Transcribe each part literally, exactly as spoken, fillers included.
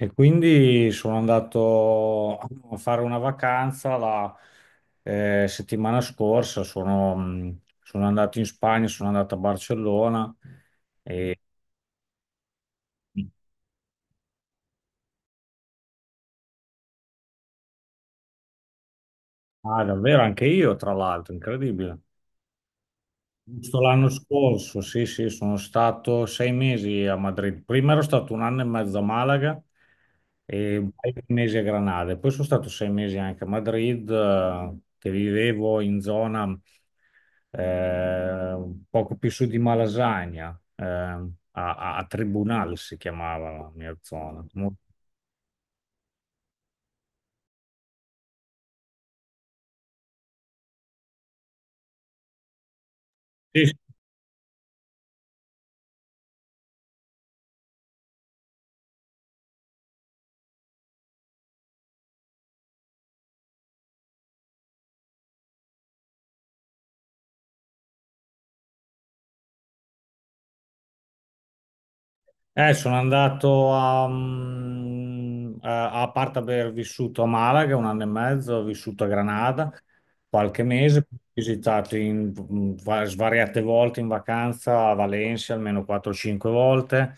E quindi sono andato a fare una vacanza la eh, settimana scorsa. Sono, mh, sono andato in Spagna, sono andato a Barcellona e, ah, davvero, anche io, tra l'altro, incredibile. Giusto l'anno scorso, sì, sì, sono stato sei mesi a Madrid. Prima ero stato un anno e mezzo a Malaga e un paio di mesi a Granada. E poi sono stato sei mesi anche a Madrid, eh, che vivevo in zona eh, poco più su di Malasagna, eh, a, a- a Tribunal si chiamava la mia zona. Mo- Eh, sono andato a, mm, a, a parte aver vissuto a Malaga un anno e mezzo. Ho vissuto a Granada qualche mese, ho visitato in, mm, va- svariate volte in vacanza a Valencia, almeno quattro o cinque volte.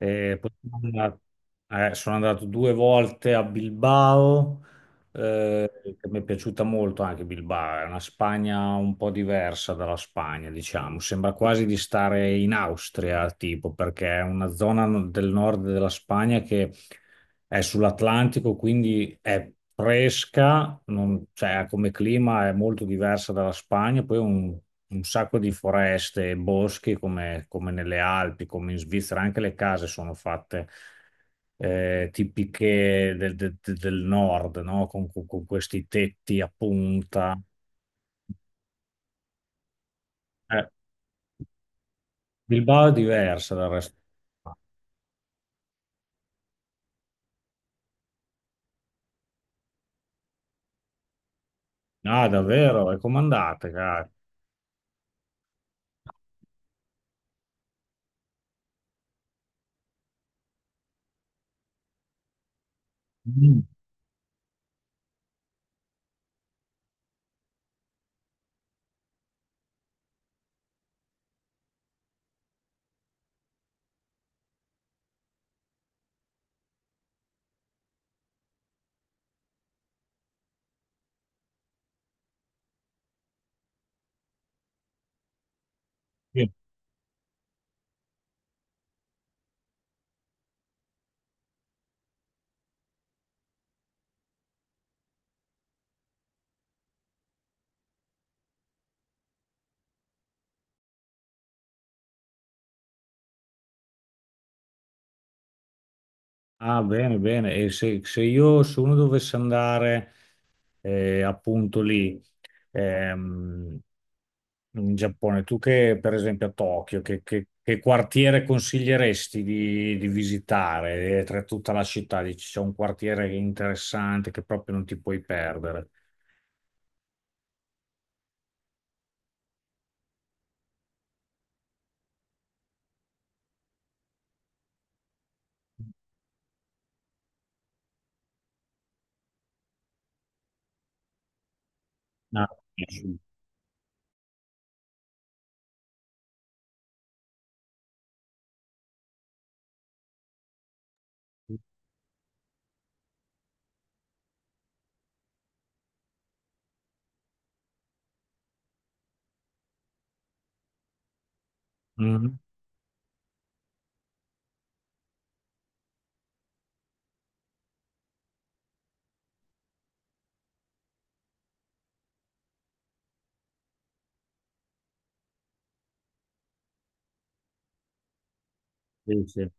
E poi sono andato, eh, sono andato due volte a Bilbao, eh, che mi è piaciuta molto anche Bilbao. È una Spagna un po' diversa dalla Spagna, diciamo, sembra quasi di stare in Austria, tipo, perché è una zona no- del nord della Spagna che è sull'Atlantico, quindi è fresca, non- cioè, come clima è molto diversa dalla Spagna. Poi un Un sacco di foreste e boschi come, come nelle Alpi, come in Svizzera. Anche le case sono fatte eh, tipiche del, del- del nord, no? Con, con- con questi tetti a punta. Eh, Bilbao è diversa dal resto. Ah, davvero? E comandate, caro. Mm, sì. Ah, bene, bene. E se, se io, se uno dovesse andare eh, appunto lì, ehm, in Giappone. Tu che, per esempio, a Tokyo, che, che- che quartiere consiglieresti di, di visitare eh, tra tutta la città? Dici, c'è un quartiere interessante che proprio non ti puoi perdere. Ah, sì. Mhm. Sì, sì.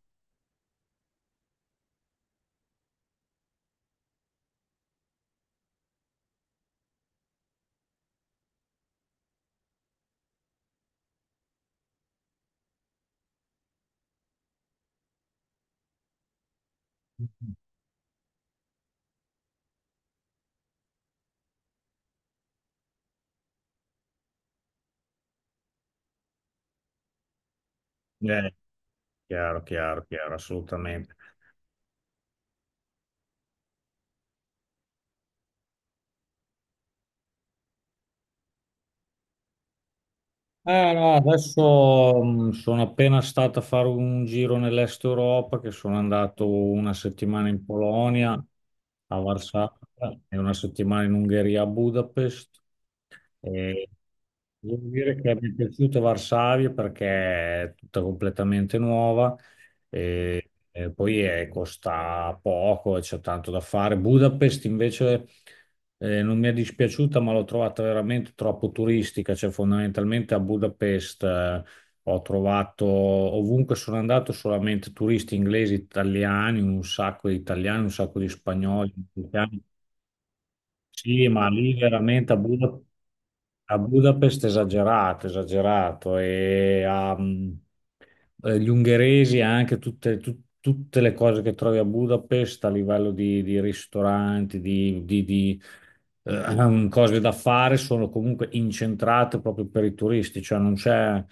Eh, Chiaro, chiaro, chiaro, assolutamente. Eh, no, adesso mh, sono appena stato a fare un giro nell'est Europa, che sono andato una settimana in Polonia, a Varsavia, e una settimana in Ungheria, a Budapest. E devo dire che mi è piaciuto Varsavia perché è tutta completamente nuova e, e poi eh, costa poco e c'è tanto da fare. Budapest invece eh, non mi è dispiaciuta, ma l'ho trovata veramente troppo turistica. Cioè, fondamentalmente a Budapest eh, ho trovato ovunque sono andato solamente turisti inglesi, italiani, un sacco di italiani, un sacco di spagnoli. Sì, ma lì veramente a Buda- a Budapest è esagerato, esagerato. E a, mm, eh, gli ungheresi anche tutte, tu- tutte le cose che trovi a Budapest a livello di, di ristoranti, di, di- di, eh, ehm, cose da fare sono comunque incentrate proprio per i turisti. Cioè non c'è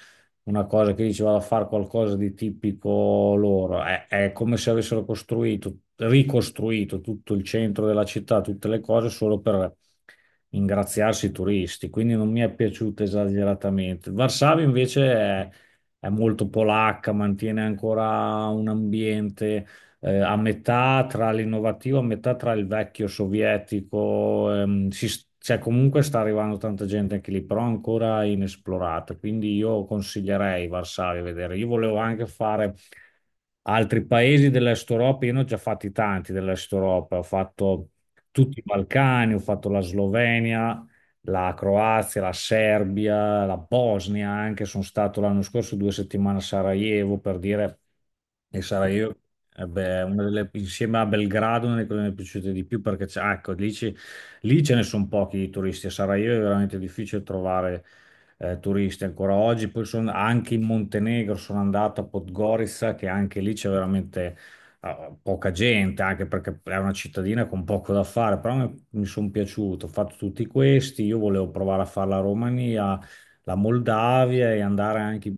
una cosa che diceva a fare qualcosa di tipico loro. È, è come se avessero costruito, ricostruito tutto il centro della città, tutte le cose solo per ingraziarsi i turisti. Quindi non mi è piaciuta esageratamente. Varsavia invece è, è molto polacca, mantiene ancora un ambiente eh, a metà tra l'innovativo, a metà tra il vecchio sovietico. Ehm, si s- cioè, comunque sta arrivando tanta gente anche lì, però ancora inesplorata, quindi io consiglierei Varsavia a vedere. Io volevo anche fare altri paesi dell'Est Europa, io ne ho già fatti tanti dell'Est Europa, ho fatto tutti i Balcani, ho fatto la Slovenia, la Croazia, la Serbia, la Bosnia anche. Sono stato l'anno scorso due settimane a Sarajevo per dire, e Sarajevo eh beh, è una delle, insieme a Belgrado, una delle cose che mi è piaciute di più, perché c'è- ah, ecco, lì, ci- lì ce ne sono pochi di turisti. A Sarajevo è veramente difficile trovare eh, turisti ancora oggi. Poi sono anche in Montenegro, sono andato a Podgorica, che anche lì c'è veramente, ah, poca gente, anche perché è una cittadina con poco da fare. Però mi, mi sono piaciuto, ho fatto tutti questi. Io volevo provare a fare la Romania, la Moldavia e andare anche...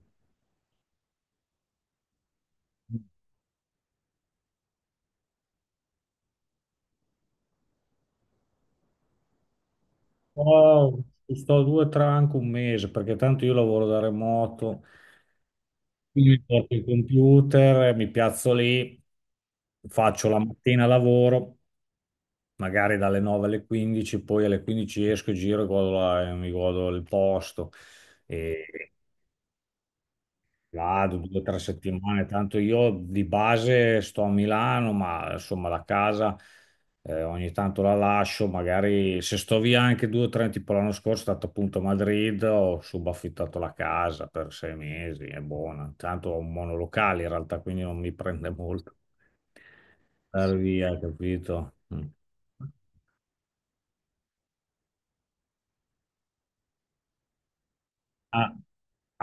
Oh, sto due, tre, anche un mese, perché tanto io lavoro da remoto, quindi mi porto il computer, mi piazzo lì, faccio la mattina lavoro, magari dalle nove alle quindici, poi alle quindici esco, giro e godo la- mi godo il posto. E vado due o tre settimane, tanto io di base sto a Milano, ma insomma la casa eh, ogni tanto la lascio, magari se sto via anche due o tre, tipo l'anno scorso sono stato appunto a Madrid, ho subaffittato la casa per sei mesi, è buona, tanto ho un monolocale in realtà, quindi non mi prende molto andare via, capito? Mm. Ah.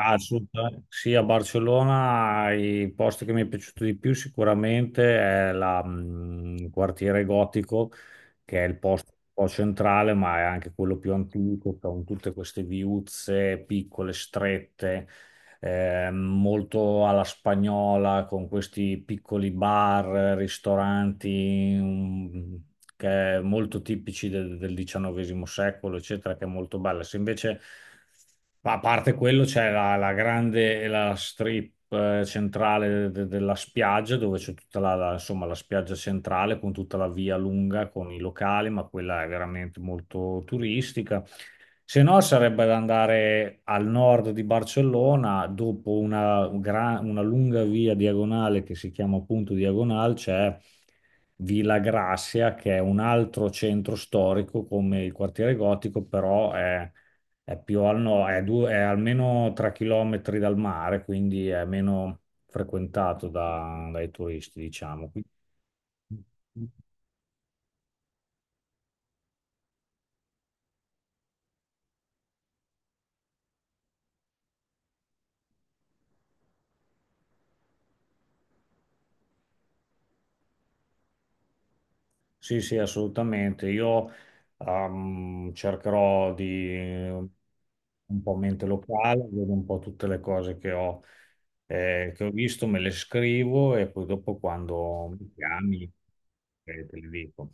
Ah, assolutamente. Sì, a Barcellona i posti che mi è piaciuto di più sicuramente è la, mh, il quartiere gotico, che è il posto un po' centrale, ma è anche quello più antico, con tutte queste viuzze piccole, strette, eh, molto alla spagnola con questi piccoli bar, ristoranti, mm, che è molto tipici del, del diciannovesimo secolo, eccetera, che è molto bella. Se invece, a parte quello, c'è la, la grande la strip eh, centrale de- della spiaggia, dove c'è tutta la, la- insomma, la spiaggia centrale con tutta la via lunga con i locali, ma quella è veramente molto turistica. Se no, sarebbe da andare al nord di Barcellona. Dopo una, gra- una lunga via diagonale che si chiama appunto Diagonal, c'è Villa Grazia, che è un altro centro storico come il quartiere gotico, però è, è più al nord, è, due- è almeno tre chilometri dal mare, quindi è meno frequentato da- dai turisti, diciamo. Sì, sì, assolutamente. Io ehm, cercherò di eh, un po' mente locale, vedo un po' tutte le cose che ho, eh, che ho visto, me le scrivo e poi dopo quando mi chiami eh, te le dico.